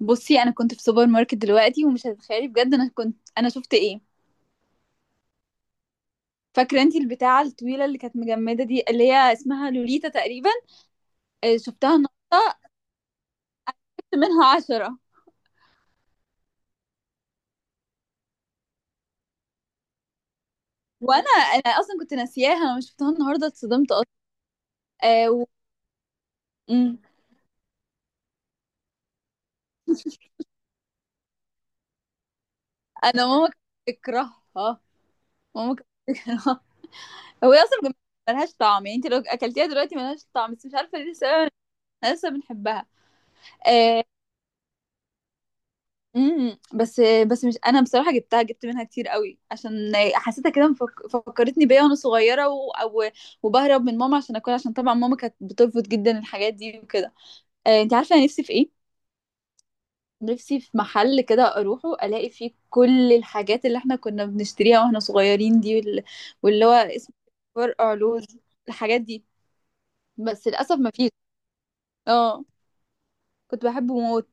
بصي، انا كنت في سوبر ماركت دلوقتي ومش هتتخيلي بجد، انا شفت ايه؟ فاكره انتي البتاعه الطويله اللي كانت مجمده دي، اللي هي اسمها لوليتا تقريبا؟ آه، شفتها النهارده. جبت منها 10. وانا اصلا كنت ناسياها، انا مش شفتها النهارده، اتصدمت اصلا. آه. مم. انا ماما كانت بتكرهها. ماما كانت بتكرهها. هو هي اصلا بجد ملهاش طعم، يعني انت لو اكلتيها دلوقتي ملهاش طعم، بس مش عارفه ليه السبب. انا لسه بنحبها. آه، بس. بس مش انا بصراحه جبت منها كتير قوي عشان حسيتها كده، فكرتني بيا وانا صغيره وبهرب من ماما عشان اكل، عشان طبعا ماما كانت بترفض جدا الحاجات دي وكده. آه، انت عارفه انا نفسي في ايه؟ نفسي في محل كده اروحه الاقي فيه كل الحاجات اللي احنا كنا بنشتريها واحنا صغيرين دي، واللي هو اسمه فرقع لوز، الحاجات دي. بس للاسف ما فيش. اه، كنت بحبه موت.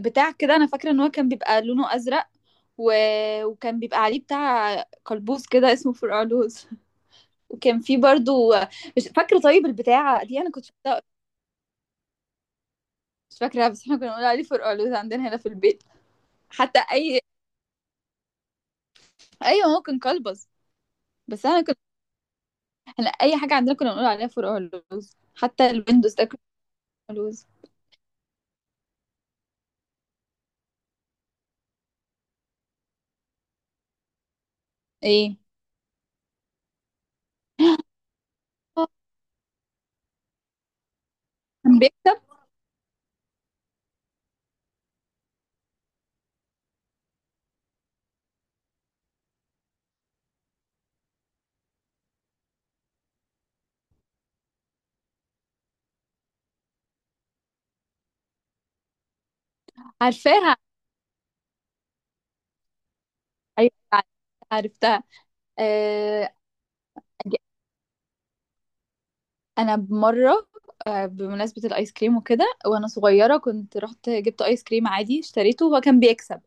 بتاع كده، انا فاكره ان هو كان بيبقى لونه ازرق و... وكان بيبقى عليه بتاع قلبوز كده، اسمه فرقعلوز. وكان فيه برضو، مش فاكره. طيب البتاعه دي انا كنت شفتها، مش فاكراها، بس احنا كنا بنقول عليه فرقعلوز عندنا هنا في البيت. حتى اي، ايوه هو كان قلبز. بس انا كنت، احنا اي حاجه عندنا كنا بنقول عليها فرقعلوز، حتى الويندوز ده كان فرقعلوز. ايه، كان بيكتب عارفاها. ايوه، عرفتها. آه. انا بمره، آه، بمناسبه الايس كريم وكده، وانا صغيره كنت رحت جبت ايس كريم عادي اشتريته، وهو كان بيكسب.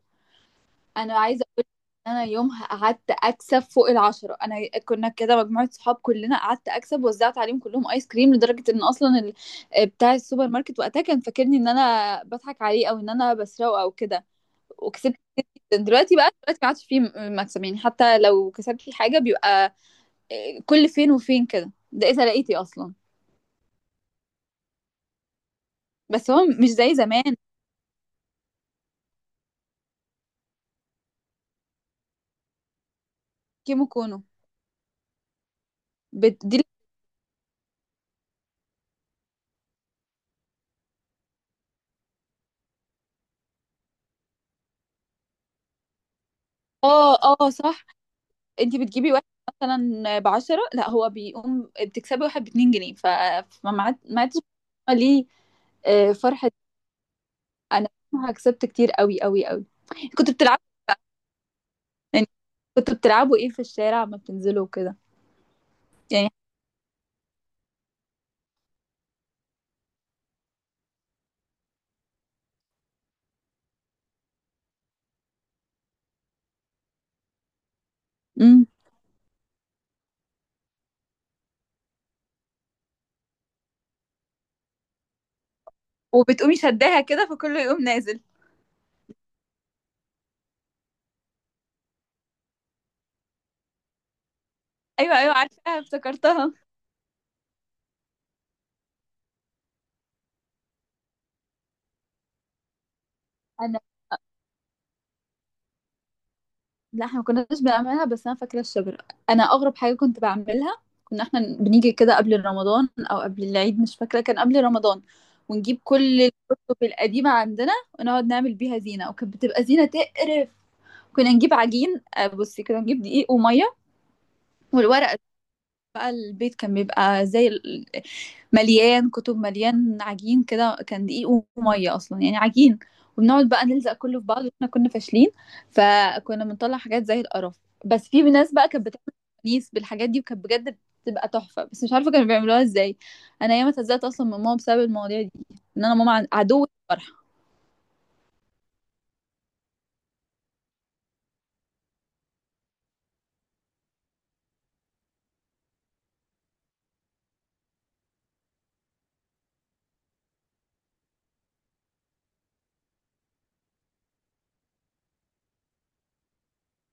انا عايزه اقول ان انا يومها قعدت اكسب فوق 10، انا كنا كده مجموعه صحاب كلنا، قعدت اكسب وزعت عليهم كلهم ايس كريم، لدرجه ان اصلا آه، بتاع السوبر ماركت وقتها كان فاكرني ان انا بضحك عليه او ان انا بسرقه او كده. وكسبت. دلوقتي بقى، دلوقتي ما عادش فيه مكسب، يعني حتى لو كسبت فيه حاجه بيبقى آه، كل فين وفين كده، ده اذا لقيتي اصلا. بس هو مش زي زمان. كيمو كونو. دي. اه، اه، صح. انت بتجيبي واحد مثلا بـ10، لا هو بيقوم بتكسبي واحد بـ2 جنيه، ف... فما ما عاد- ما عادش. ليه. آه، فرحة. انا كسبت كتير قوي قوي قوي. كنت بتلعبوا، يعني، كنت بتلعبوا ايه في الشارع ما بتنزلوا وكده؟ يعني. امم. وبتقومي شداها كده، فكله يقوم نازل. ايوه، ايوه، عارفاها، افتكرتها. انا، لا، احنا ما كناش بنعملها، بس انا فاكره الشجره. انا اغرب حاجه كنت بعملها، كنا احنا بنيجي كده قبل رمضان او قبل العيد، مش فاكره، كان قبل رمضان. ونجيب كل الكتب القديمه عندنا، ونقعد نعمل بيها زينه، وكانت بتبقى زينه تقرف. كنا نجيب عجين، آه، بصي، كنا نجيب دقيق وميه والورق. بقى البيت كان بيبقى زي مليان كتب، مليان عجين، كده كان دقيق وميه اصلا يعني عجين. وبنقعد بقى نلزق كله في بعض واحنا كنا فاشلين، فكنا بنطلع حاجات زي القرف. بس في ناس بقى كانت بتعمل كنيس بالحاجات دي، وكانت بجد بتبقى تحفه، بس مش عارفه كانوا بيعملوها ازاي. انا ياما اتهزقت اصلا من ماما بسبب المواضيع دي، ان انا ماما عدو الفرحه.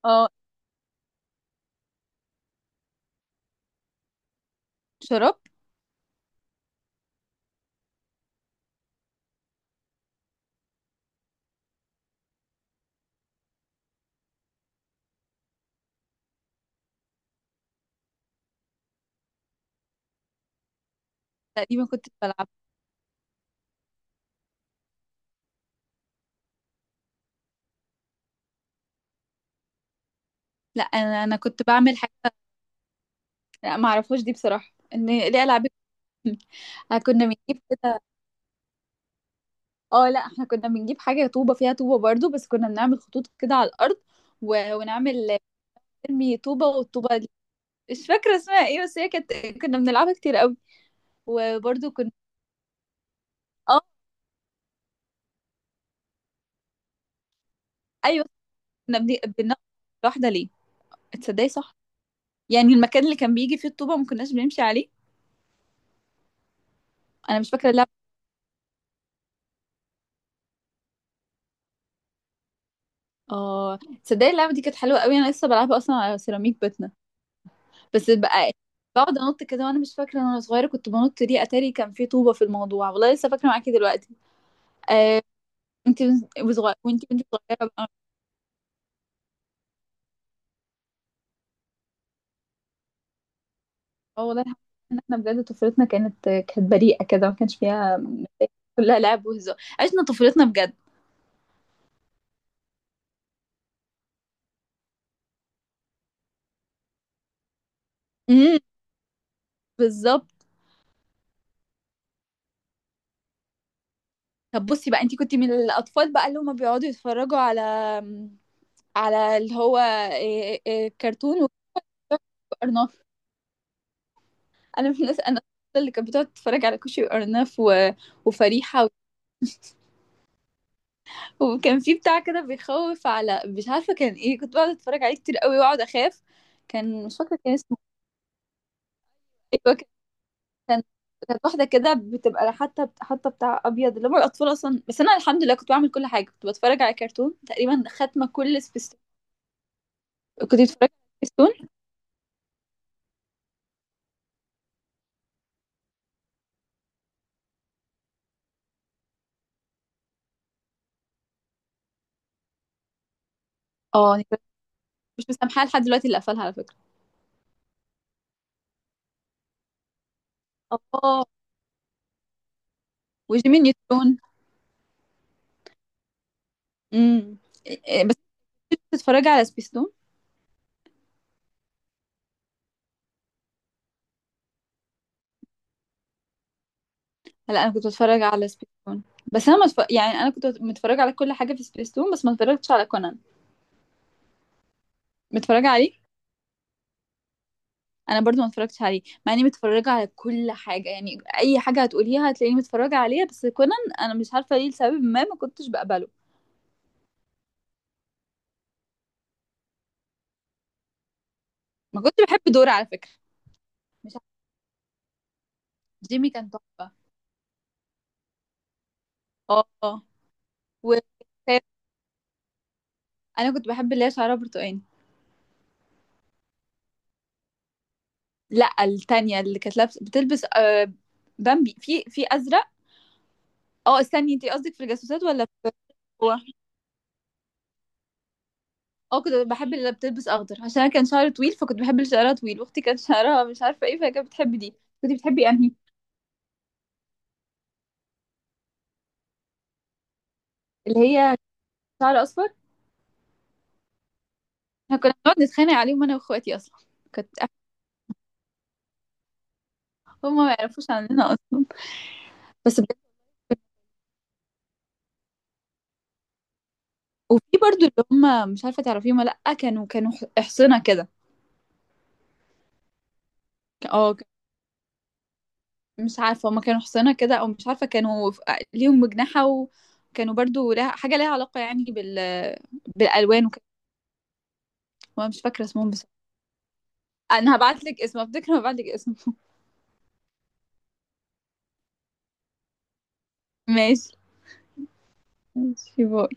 اه، شراب. تقريبا كنت بلعب. لا، انا كنت بعمل حاجه. لا، ما اعرفوش دي بصراحه، ان ليه العاب. كنا بنجيب كده، اه، لا، احنا كنا بنجيب حاجة طوبة فيها طوبة برضو، بس كنا بنعمل خطوط كده على الأرض ونعمل نرمي طوبة، والطوبة دي مش فاكرة اسمها ايه، بس هي كانت كنا بنلعبها كتير قوي. وبرضو كنا، اه، ايوه، كنا بناخد واحدة ليه. تصدقي، صح، يعني المكان اللي كان بيجي فيه الطوبة ما كناش بنمشي عليه. انا مش فاكرة اللعبة. اه، تصدقي اللعبة دي كانت حلوة قوي، انا لسه بلعبها اصلا على سيراميك بيتنا. بس بقى بقعد انط كده، وانا مش فاكره ان انا صغيره كنت بنط ليه، اتاري كان فيه طوبه في الموضوع، والله لسه فاكره معاكي دلوقتي. آه، انت وصغيره، وانت كنت صغيره بقى، اه والله، الحمد لله ان احنا بجد طفولتنا كانت بريئه كده، ما كانش فيها كلها لعب وهزار، عشنا طفولتنا بجد. امم، بالظبط. طب بصي بقى، انت كنت من الاطفال بقى اللي هم بيقعدوا يتفرجوا على، على اللي هو إيه كرتون وارناف. انا من الناس، انا اللي كانت بتقعد تتفرج على كوشي وارناف وفريحه، وكان في بتاع كده بيخوف، على مش عارفه كان ايه، كنت بقعد اتفرج عليه كتير قوي واقعد اخاف. كان مش فاكره كان اسمه إيه، كان كانت واحدة كده بتبقى، حتى بتاع أبيض اللي هم الأطفال أصلا. بس أنا الحمد لله كنت بعمل كل حاجة، كنت بتفرج على كرتون تقريبا خاتمة كل سبيستون. كنت بتفرج على سبيستون. اه، أنا كنت مش مسامحاها لحد دلوقتي اللي قفلها على فكرة. اه، وجيمي نيوترون. امم، إيه، بس كنت بتتفرج على سبيستون؟ لا، أنا كنت بتفرج على سبيستون، بس أنا يعني أنا كنت متفرجة على كل حاجة في سبيستون، بس ما اتفرجتش على كونان. متفرجة عليه، انا برضو ما اتفرجتش عليه، مع اني متفرجه على كل حاجه، يعني اي حاجه هتقوليها هتلاقيني متفرجه عليها، بس كونان انا مش عارفه ليه، لسبب ما ما كنتش بقبله. ما كنتش بحب دور على فكره. مش عارفه، جيمي كان تحفه. اه، آه. و انا كنت بحب اللي هي شعرها برتقاني. لا، التانية اللي كانت بتلبس، بامبي، في ازرق. اه، استني، انتي قصدك في الجاسوسات ولا في؟ هو، اه، كنت بحب اللي بتلبس اخضر عشان انا كان شعري طويل، فكنت بحب اللي شعرها طويل، واختي كان شعرها مش عارفه ايه، فكانت بتحب دي. كنت بتحبي انهي، اللي هي شعر اصفر؟ احنا كنا بنقعد نتخانق عليهم انا واخواتي اصلا، كانت هم ما يعرفوش عننا اصلا. بس بجد، وفي برضو اللي هم مش عارفه تعرفيهم ولا لا، كانوا حصنه كده. اه، مش عارفه هم كانوا حصنه كده، او مش عارفه كانوا ليهم مجنحه، وكانوا برضو لها حاجه ليها علاقه يعني بال، بالالوان وكده. وانا مش فاكره اسمهم، بس انا هبعت لك اسم، افتكر، هبعت لك اسمه. ماشي. ماشي، باي.